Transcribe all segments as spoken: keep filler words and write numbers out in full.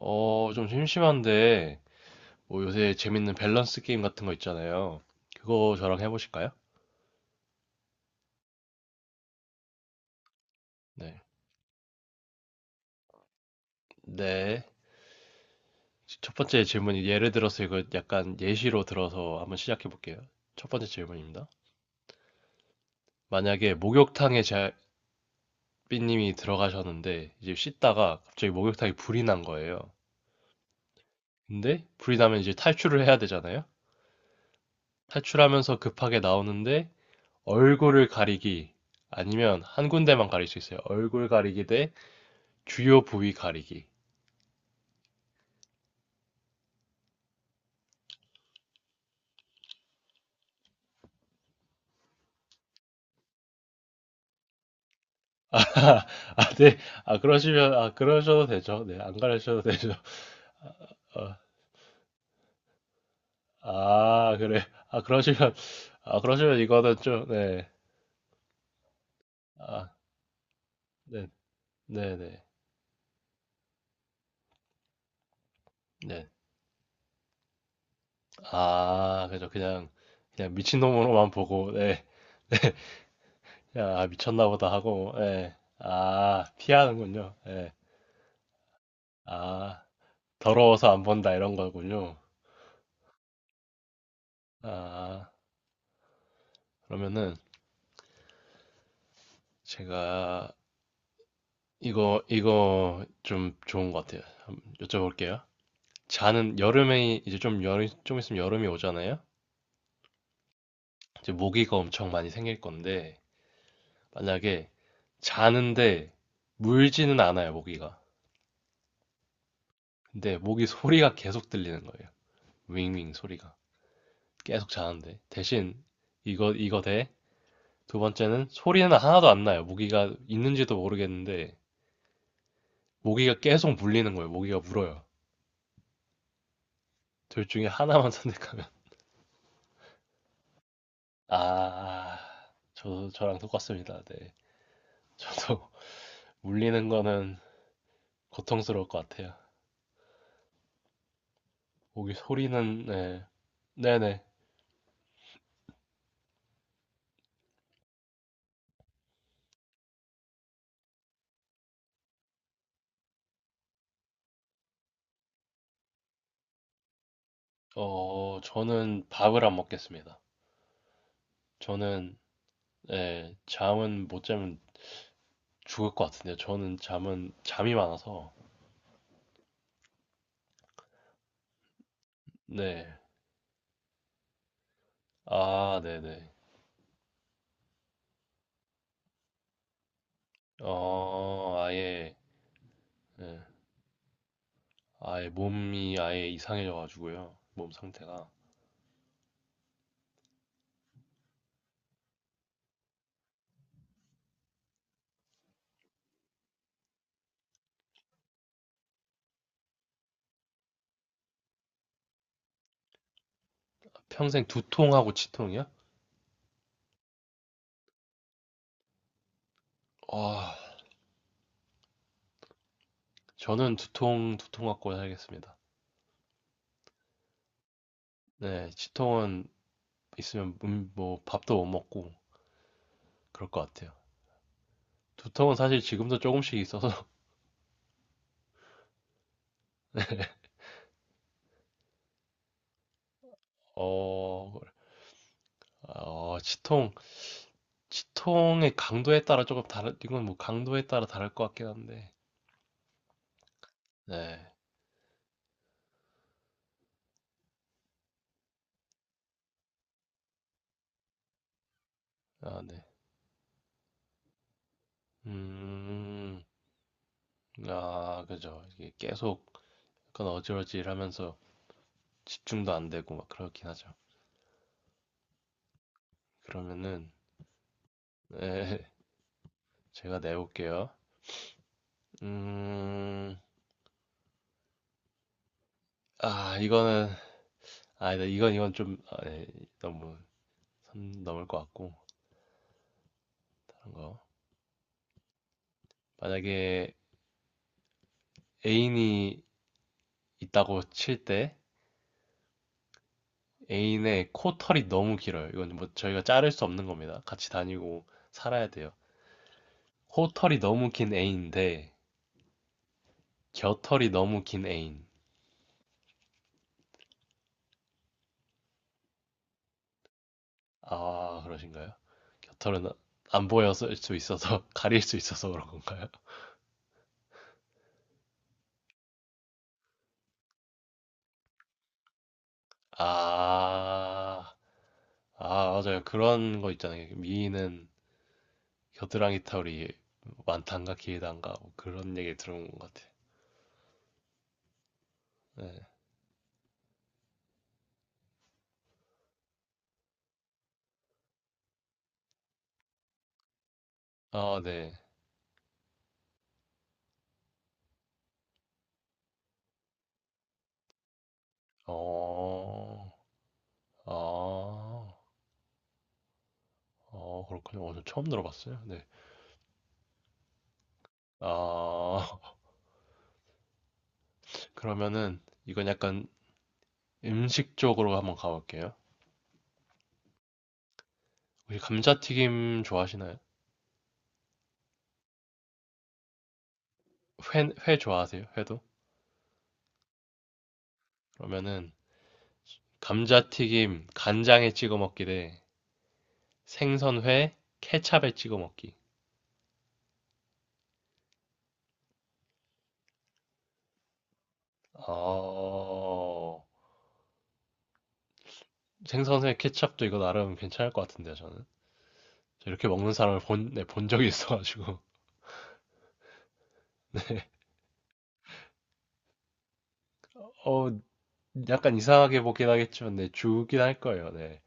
어, 좀 심심한데, 뭐 요새 재밌는 밸런스 게임 같은 거 있잖아요. 그거 저랑 해보실까요? 네. 네. 첫 번째 질문이 예를 들어서 이거 약간 예시로 들어서 한번 시작해 볼게요. 첫 번째 질문입니다. 만약에 목욕탕에 자, 삐님이 들어가셨는데, 이제 씻다가 갑자기 목욕탕에 불이 난 거예요. 근데 불이 나면 이제 탈출을 해야 되잖아요? 탈출하면서 급하게 나오는데, 얼굴을 가리기, 아니면 한 군데만 가릴 수 있어요. 얼굴 가리기 대 주요 부위 가리기. 아, 네. 아, 그러시면, 아, 그러셔도 되죠. 네, 안 가르셔도 되죠. 어, 아, 그래. 아, 그러시면, 아, 그러시면 이거는 좀, 네. 아, 네, 네, 네, 네. 아, 그죠. 그냥, 그냥 미친놈으로만 보고, 네. 그냥, 아, 미쳤나 보다 하고, 네. 아, 피하는군요. 네. 아, 더러워서 안 본다, 이런 거군요. 아, 그러면은, 제가, 이거, 이거 좀 좋은 것 같아요. 한번 여쭤볼게요. 자는 여름에, 이제 좀 여름, 좀 있으면 여름이 오잖아요? 이제 모기가 엄청 많이 생길 건데, 만약에 자는데 물지는 않아요, 모기가. 근데 모기 소리가 계속 들리는 거예요. 윙윙 소리가. 계속 자는데. 대신 이거, 이거 대. 두 번째는 소리는 하나도 안 나요. 모기가 있는지도 모르겠는데, 모기가 계속 물리는 거예요. 모기가 물어요. 둘 중에 하나만 선택하면. 아, 저, 저랑 똑같습니다. 네. 저도 물리는 거는 고통스러울 것 같아요. 오기 소리는, 네. 네네. 어, 저는 밥을 안 먹겠습니다. 저는, 네, 잠은 못 자면 죽을 것 같은데요. 저는 잠은, 잠이 많아서, 네. 아, 네네. 어, 아예, 예, 아예 몸이 아예 이상해져가지고요. 몸 상태가. 평생 두통하고 치통이요? 아, 저는 두통 두통 갖고 살겠습니다. 네, 치통은 있으면 음, 뭐 밥도 못 먹고 그럴 것 같아요. 두통은 사실 지금도 조금씩 있어서 어, 어 치통 치통의 강도에 따라 조금 다른 이건 뭐 강도에 따라 다를 것 같긴 한데 네, 아 네, 음, 아 그죠 이게 계속 약간 어질어질하면서 집중도 안 되고 막 그렇긴 하죠. 그러면은 네, 제가 내볼게요. 음, 아 이거는 아, 네, 이건 이건 좀 아, 네, 너무 선 넘을 것 같고 다른 거. 만약에 애인이 있다고 칠 때 애인의 코털이 너무 길어요. 이건 뭐 저희가 자를 수 없는 겁니다. 같이 다니고 살아야 돼요. 코털이 너무 긴 애인데 겨털이 너무 긴 애인. 아, 그러신가요? 겨털은 안 보였을 수 있어서 가릴 수 있어서 그런 건가요? 아, 아, 맞아요. 그런 거 있잖아요. 미인은 겨드랑이 털이 많단가 길단가 뭐 그런 얘기 들은 것 같아. 네. 아, 네. 어, 아, 어, 그렇군요. 오늘 처음 들어봤어요. 네. 아, 그러면은 이건 약간 음식 쪽으로 한번 가볼게요. 혹시 감자튀김 좋아하시나요? 회, 회 좋아하세요? 회도? 그러면은 감자튀김 간장에 찍어 먹기 대 생선회 케찹에 찍어 먹기. 어, 생선회 케첩도 이거 나름 괜찮을 것 같은데요, 저는. 저 이렇게 먹는 사람을 본, 네, 본 적이 있어가지고. 어, 약간 이상하게 보긴 하겠지만, 네, 주긴 할 거예요, 네.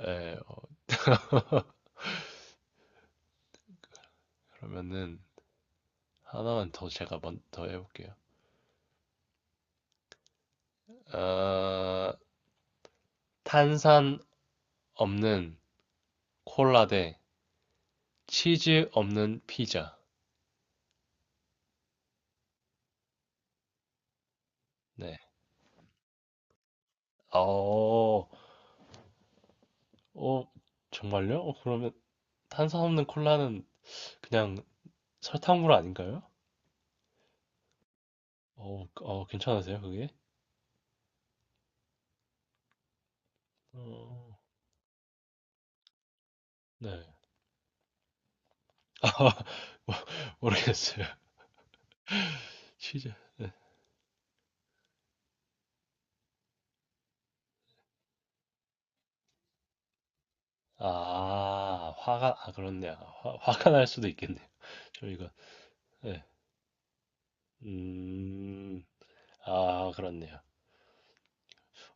네, 그러면은, 하나만 더 제가 먼, 더 해볼게요. 아, 탄산 없는 콜라 대 치즈 없는 피자. 네. 어, 어, 정말요? 어, 그러면 탄산 없는 콜라는 그냥 설탕물 아닌가요? 어, 어, 괜찮으세요, 그게? 어, 네. 아, 모르겠어요. 시작. 네. 아, 화가, 아, 그렇네요. 화, 화가 날 수도 있겠네요. 저희가, 네. 음, 아, 그렇네요.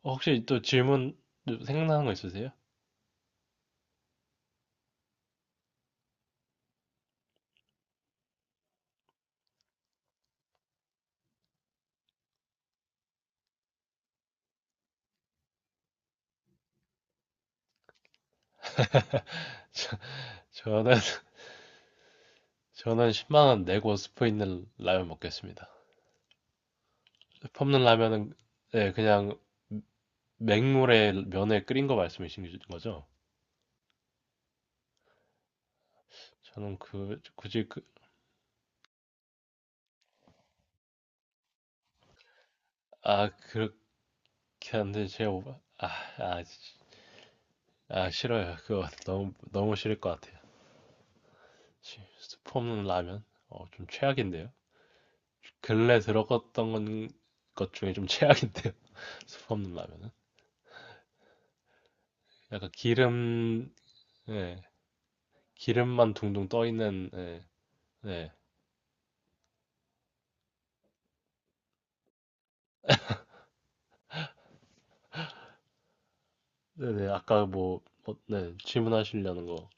어, 혹시 또 질문 생각나는 거 있으세요? 저는, 저는 십만 원 내고 스프 있는 라면 먹겠습니다. 스프 없는 라면은, 네, 그냥 맹물에 면에 끓인 거 말씀이신 거죠? 저는 그, 굳이 그, 아, 그렇게 안 돼. 제가, 오바- 아, 아, 아, 싫어요. 그거 너무, 너무 싫을 것 같아요. 치, 스프 없는 라면? 어, 좀 최악인데요. 근래 들어갔던 건- 것 중에 좀 최악인데요. 스프 없는 라면은. 약간 기름, 예, 기름만 둥둥 떠 있는, 예, 네. 네네, 아까 뭐, 뭐, 네, 질문하시려는 거.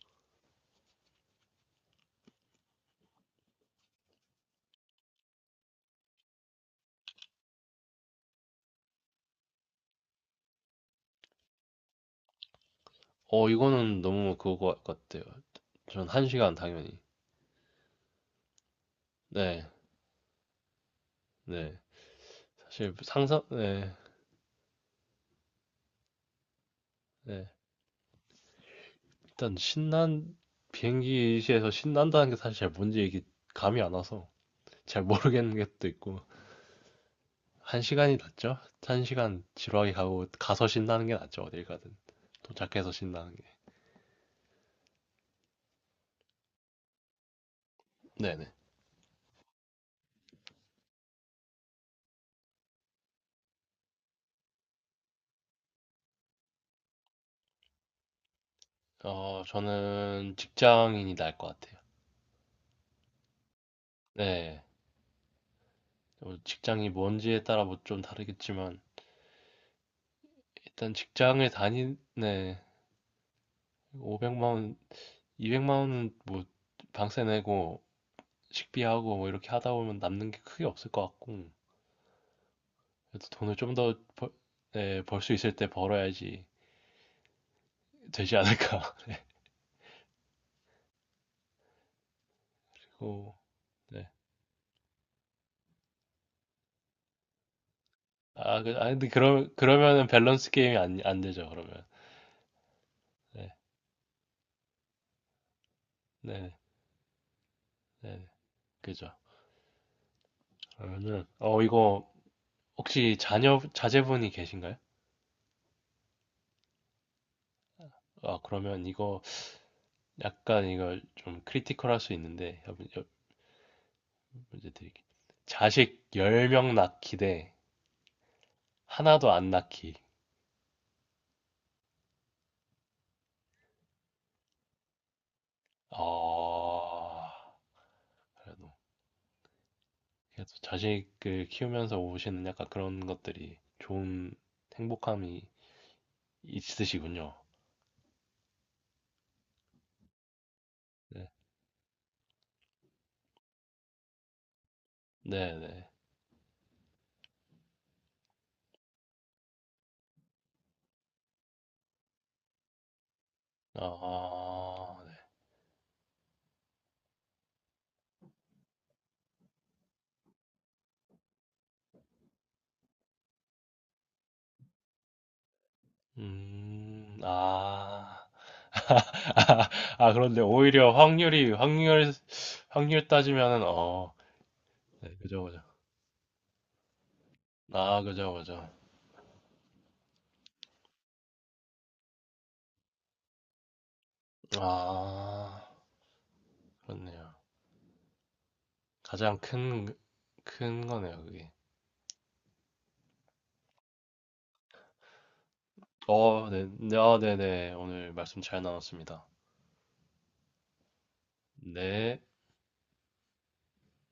어, 이거는 너무 그거 같아요. 전 한시간 당연히. 네, 네. 사실 상상, 네, 네. 일단 신난, 비행기에서 신난다는 게 사실 잘 뭔지 이게 감이 안 와서 잘 모르겠는 것도 있고. 한 시간이 낫죠? 한 시간 지루하게 가고 가서 신나는 게 낫죠. 어딜 가든 도착해서 신나는 게. 네네. 어, 저는 직장인이 나을 것 같아요. 네. 어, 직장이 뭔지에 따라 뭐 좀 다르겠지만 일단 직장을 다니 네. 오백만 원, 이백만 원은 뭐 방세 내고 식비하고 뭐 이렇게 하다 보면 남는 게 크게 없을 것 같고 그래도 돈을 좀 더 벌, 네, 벌 수 있을 때 벌어야지 되지 않을까. 고 네. 아, 그, 아, 근데 그러, 그러면은 밸런스 게임이 안, 안 되죠, 그러면. 네, 네, 네, 그죠. 그러면은, 어, 이거, 혹시 자녀, 자제분이 계신가요? 아, 그러면 이거, 약간 이거 좀 크리티컬 할 수 있는데, 한번 여- 문제 드릴게요. 자식 열 낳기 대 하나도 안 낳기. 어, 그래도, 그래도 자식을 키우면서 오시는 약간 그런 것들이 좋은 행복함이 있으시군요. 네, 네, 네. 아, 네. 음, 아. 아, 그런데 오히려 확률이, 확률, 확률 따지면은, 어, 네, 그죠, 그죠. 아, 그죠, 그죠. 아, 그렇네요. 가장 큰, 큰 거네요, 그게. 어, 네, 네, 아, 네네. 오늘 말씀 잘 나눴습니다. 네.